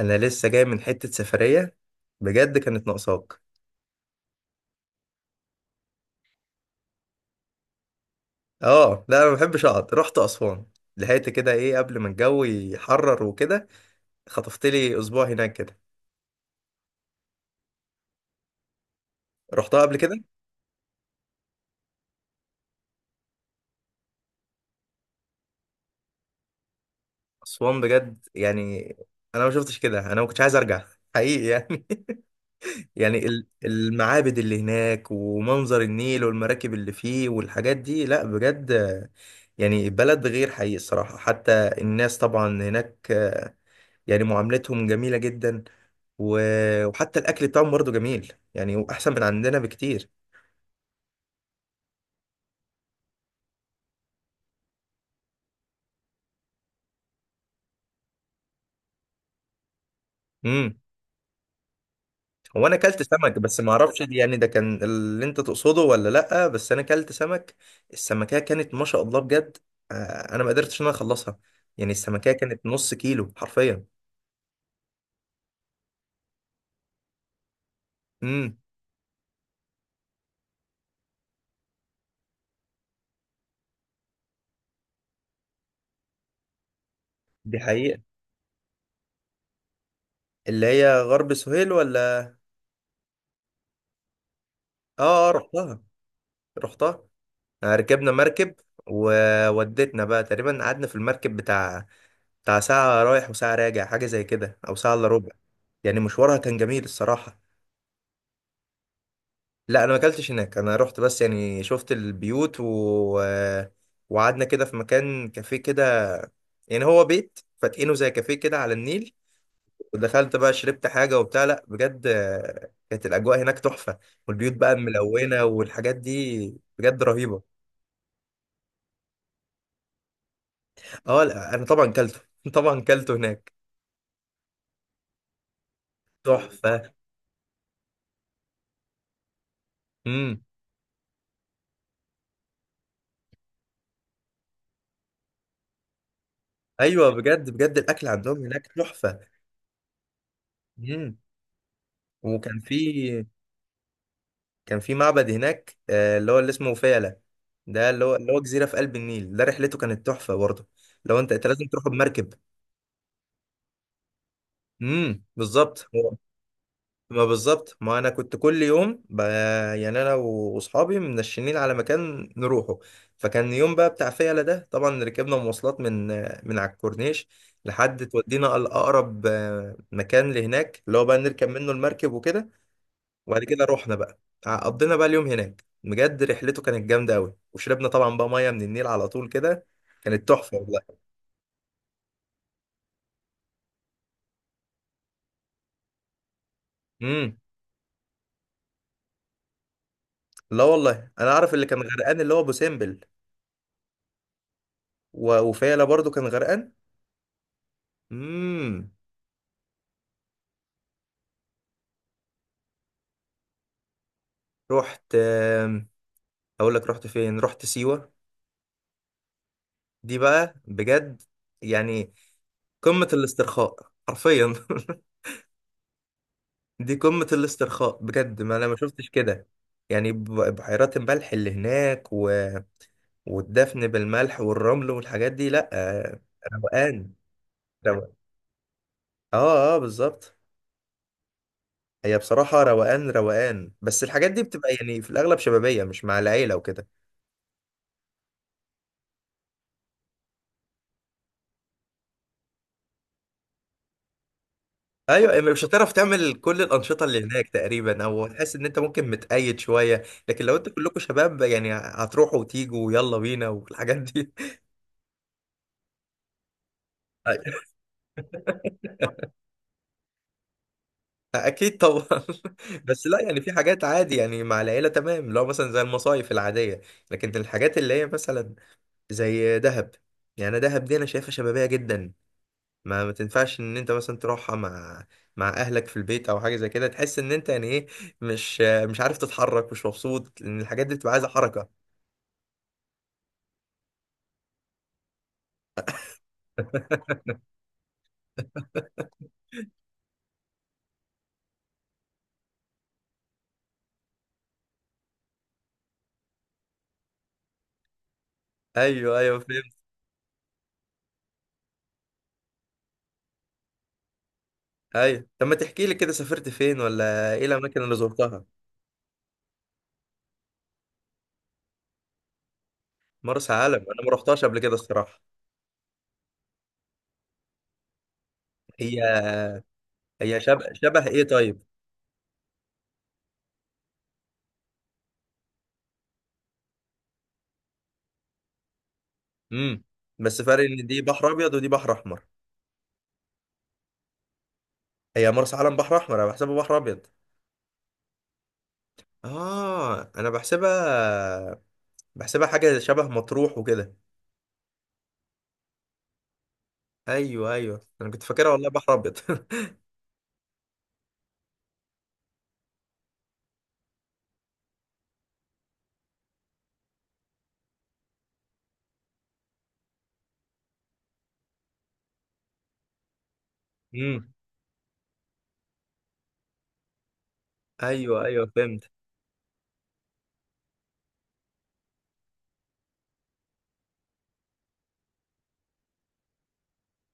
انا لسه جاي من حتة سفرية، بجد كانت ناقصاك. اه لا، انا ما بحبش اقعد. رحت اسوان، لحقت كده ايه قبل ما الجو يحرر وكده. خطفت لي اسبوع هناك كده. رحتها قبل كده. اسوان بجد يعني انا ما شفتش كده، ما كنتش عايز ارجع، حقيقي يعني. يعني المعابد اللي هناك ومنظر النيل والمراكب اللي فيه والحاجات دي، لا بجد يعني بلد غير حقيقي الصراحة حتى. الناس طبعا هناك يعني معاملتهم جميلة جدا، و- وحتى الأكل بتاعهم برضه جميل، يعني وأحسن من عندنا بكتير. امم. هو أنا أكلت سمك، بس ما أعرفش يعني ده كان اللي أنت تقصده ولا لأ، بس أنا أكلت سمك. السمكية كانت ما شاء الله بجد. أنا ما قدرتش إن أنا أخلصها، يعني السمكية كانت نص كيلو حرفيا. امم. دي حقيقة. اللي هي غرب سهيل ولا؟ آه، رحتها. رحتها. ركبنا مركب. وودتنا بقى، تقريبا قعدنا في المركب بتاع ساعة رايح وساعة راجع، حاجة زي كده أو ساعة إلا ربع. يعني مشوارها كان جميل الصراحة. لا أنا ما أكلتش هناك، أنا رحت بس يعني شفت البيوت وقعدنا كده في مكان كافيه كده. يعني هو بيت فاتقينه زي كافيه كده على النيل. ودخلت بقى شربت حاجة وبتاع، لا بجد كانت الأجواء هناك تحفة. والبيوت بقى ملونة والحاجات دي بجد رهيبة. اه لا أنا طبعا كلته طبعا كلته هناك. تحفة. امم. ايوه بجد بجد الاكل عندهم هناك تحفه. امم. وكان في. كان في معبد هناك، اللي هو اللي اسمه فيلة. ده اللي هو اللي هو جزيرة في قلب النيل، ده رحلته كانت تحفة برضه. لو انت لازم تروح بمركب. امم. بالظبط ما بالظبط، ما انا كنت كل يوم يعني انا واصحابي منشنين على مكان نروحه. فكان يوم بقى بتاع فيلة ده، طبعا ركبنا مواصلات من على الكورنيش لحد تودينا الاقرب، مكان لهناك اللي هو بقى نركب منه المركب وكده. وبعد كده رحنا بقى، قضينا بقى اليوم هناك، بجد رحلته كانت جامده قوي. وشربنا طبعا بقى ميه من النيل على طول كده، كانت تحفه والله. امم. لا والله انا اعرف اللي كان غرقان اللي هو ابو سمبل، و- وفيلا برضو كان غرقان. امم. رحت اقول لك رحت فين. رحت سيوه. دي بقى بجد يعني قمه الاسترخاء حرفيا. دي قمه الاسترخاء بجد، ما انا ما شفتش كده. يعني بحيرات الملح اللي هناك والدفن بالملح والرمل والحاجات دي، لا روقان، روقان. اه اه بالظبط. هي بصراحة روقان روقان، بس الحاجات دي بتبقى يعني في الأغلب شبابية مش مع العيلة وكده. أيوة، يعني مش هتعرف تعمل كل الأنشطة اللي هناك تقريبا، أو هتحس إن أنت ممكن متقيد شوية. لكن لو أنتوا كلكم شباب، يعني هتروحوا وتيجوا ويلا بينا والحاجات دي. أكيد طبعا. بس لا، يعني في حاجات عادي يعني مع العيلة تمام، لو مثلا زي المصايف العادية. لكن الحاجات اللي هي مثلا زي دهب، يعني دهب دي انا شايفها شبابيه جدا. ما تنفعش ان انت مثلا تروحها مع مع اهلك في البيت او حاجه زي كده. تحس ان انت يعني ايه، مش عارف تتحرك، مش مبسوط، لان الحاجات دي بتبقى عايزه حركه. ايوه ايوه فهمت. ايوه، طب ما تحكي لي كده سافرت فين ولا ايه الاماكن اللي زرتها. مرسى علم انا ما رحتهاش قبل كده الصراحه. هي شبه ايه، طيب. امم. بس فرق ان دي بحر ابيض ودي بحر احمر. هي مرسى علم بحر احمر، انا بحسبها بحر ابيض. اه انا بحسبها حاجة شبه مطروح وكده. ايوه ايوه، انا كنت فاكرها والله بحر ابيض. امم. ايوه ايوه فهمت.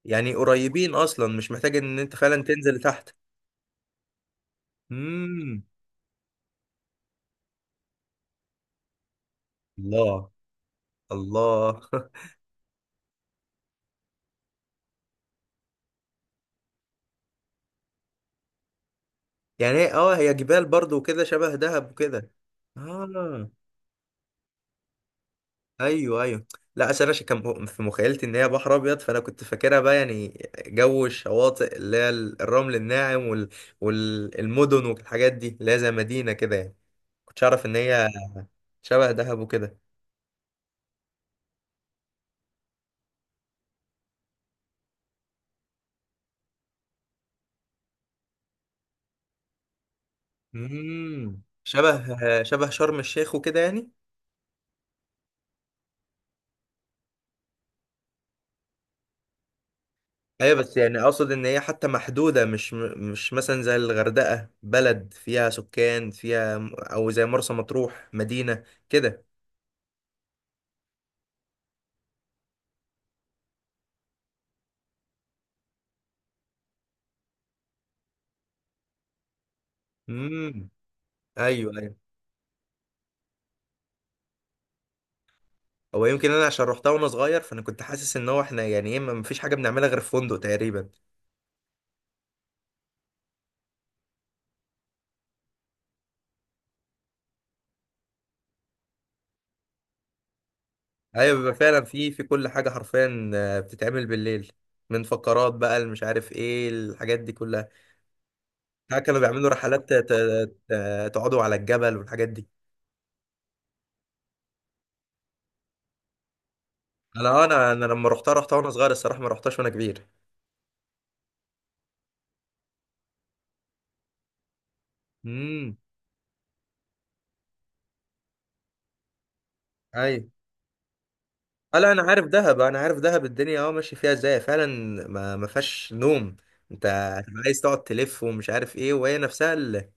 يعني قريبين اصلا، مش محتاج ان انت فعلا تنزل تحت. امم. الله. الله. يعني هي اه هي جبال برضو وكده شبه دهب وكده. اه. ايوه ايوه. لا اصل انا كان في مخيلتي ان هي بحر ابيض، فانا كنت فاكرها بقى يعني جو الشواطئ اللي هي الرمل الناعم والمدن والحاجات دي اللي هي زي مدينة كده، يعني كنتش اعرف ان هي شبه دهب وكده. امم، شبه. شبه شرم الشيخ وكده يعني. ايوه، بس يعني اقصد ان هي حتى محدوده، مش مثلا زي الغردقه بلد فيها سكان فيها، او زي مرسى مطروح مدينه كده. امم. ايوه ايوه. هو يمكن انا عشان روحتها وانا صغير، فانا كنت حاسس ان هو احنا يعني ايه، ما فيش حاجه بنعملها غير في فندق تقريبا. ايوه، بيبقى فعلا في كل حاجه حرفيا بتتعمل بالليل، من فقرات بقى اللي مش عارف ايه الحاجات دي كلها. لا، كانوا بيعملوا رحلات تقعدوا على الجبل والحاجات دي. انا انا لما رحتها، رحتها وانا صغير الصراحه، ما رحتهاش وانا كبير. امم. ايوه. لا انا عارف دهب، انا عارف دهب الدنيا اه ماشي فيها ازاي فعلا. ما ما فيهاش نوم، انت هتبقى عايز تقعد تلف ومش عارف ايه. وهي نفسها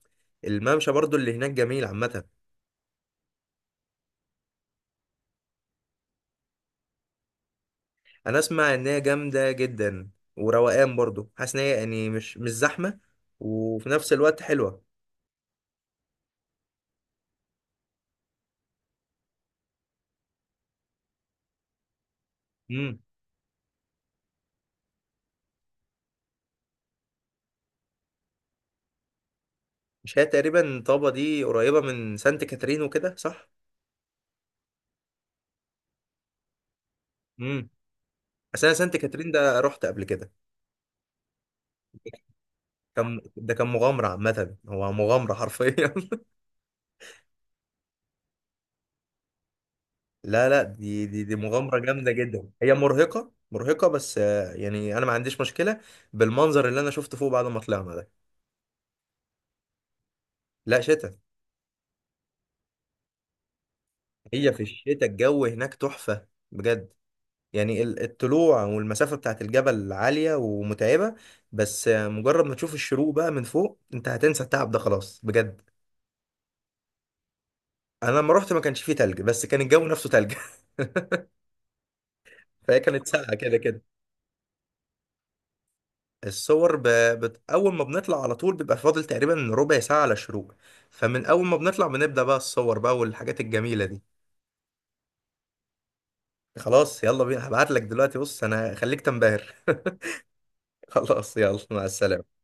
الممشى برضو اللي هناك جميل عامه. انا اسمع ان هي جامده جدا، وروقان برضو، حاسس ان هي يعني مش زحمه، وفي نفس الوقت حلوه. مش هي تقريبا طابة دي قريبة من سانت كاترين وكده صح؟ امم. بس انا سانت كاترين ده رحت قبل كده. كان ده كان مغامرة عامة، هو مغامرة حرفيا. لا لا، دي مغامرة جامدة جدا، هي مرهقة مرهقة بس يعني انا ما عنديش مشكلة بالمنظر اللي انا شفته فوق بعد ما طلعنا ده. لا، شتاء. هي في الشتاء الجو هناك تحفة بجد. يعني الطلوع والمسافة بتاعت الجبل عالية ومتعبة، بس مجرد ما تشوف الشروق بقى من فوق، انت هتنسى التعب ده خلاص بجد. انا لما رحت ما كانش فيه تلج، بس كان الجو نفسه تلج. فهي كانت ساقعه كده كده. الصور اول ما بنطلع على طول بيبقى فاضل تقريبا ربع ساعه على الشروق، فمن اول ما بنطلع بنبدا بقى الصور بقى والحاجات الجميله دي. خلاص يلا بينا، هبعت لك دلوقتي. بص انا خليك تنبهر. خلاص يلا، مع السلامه.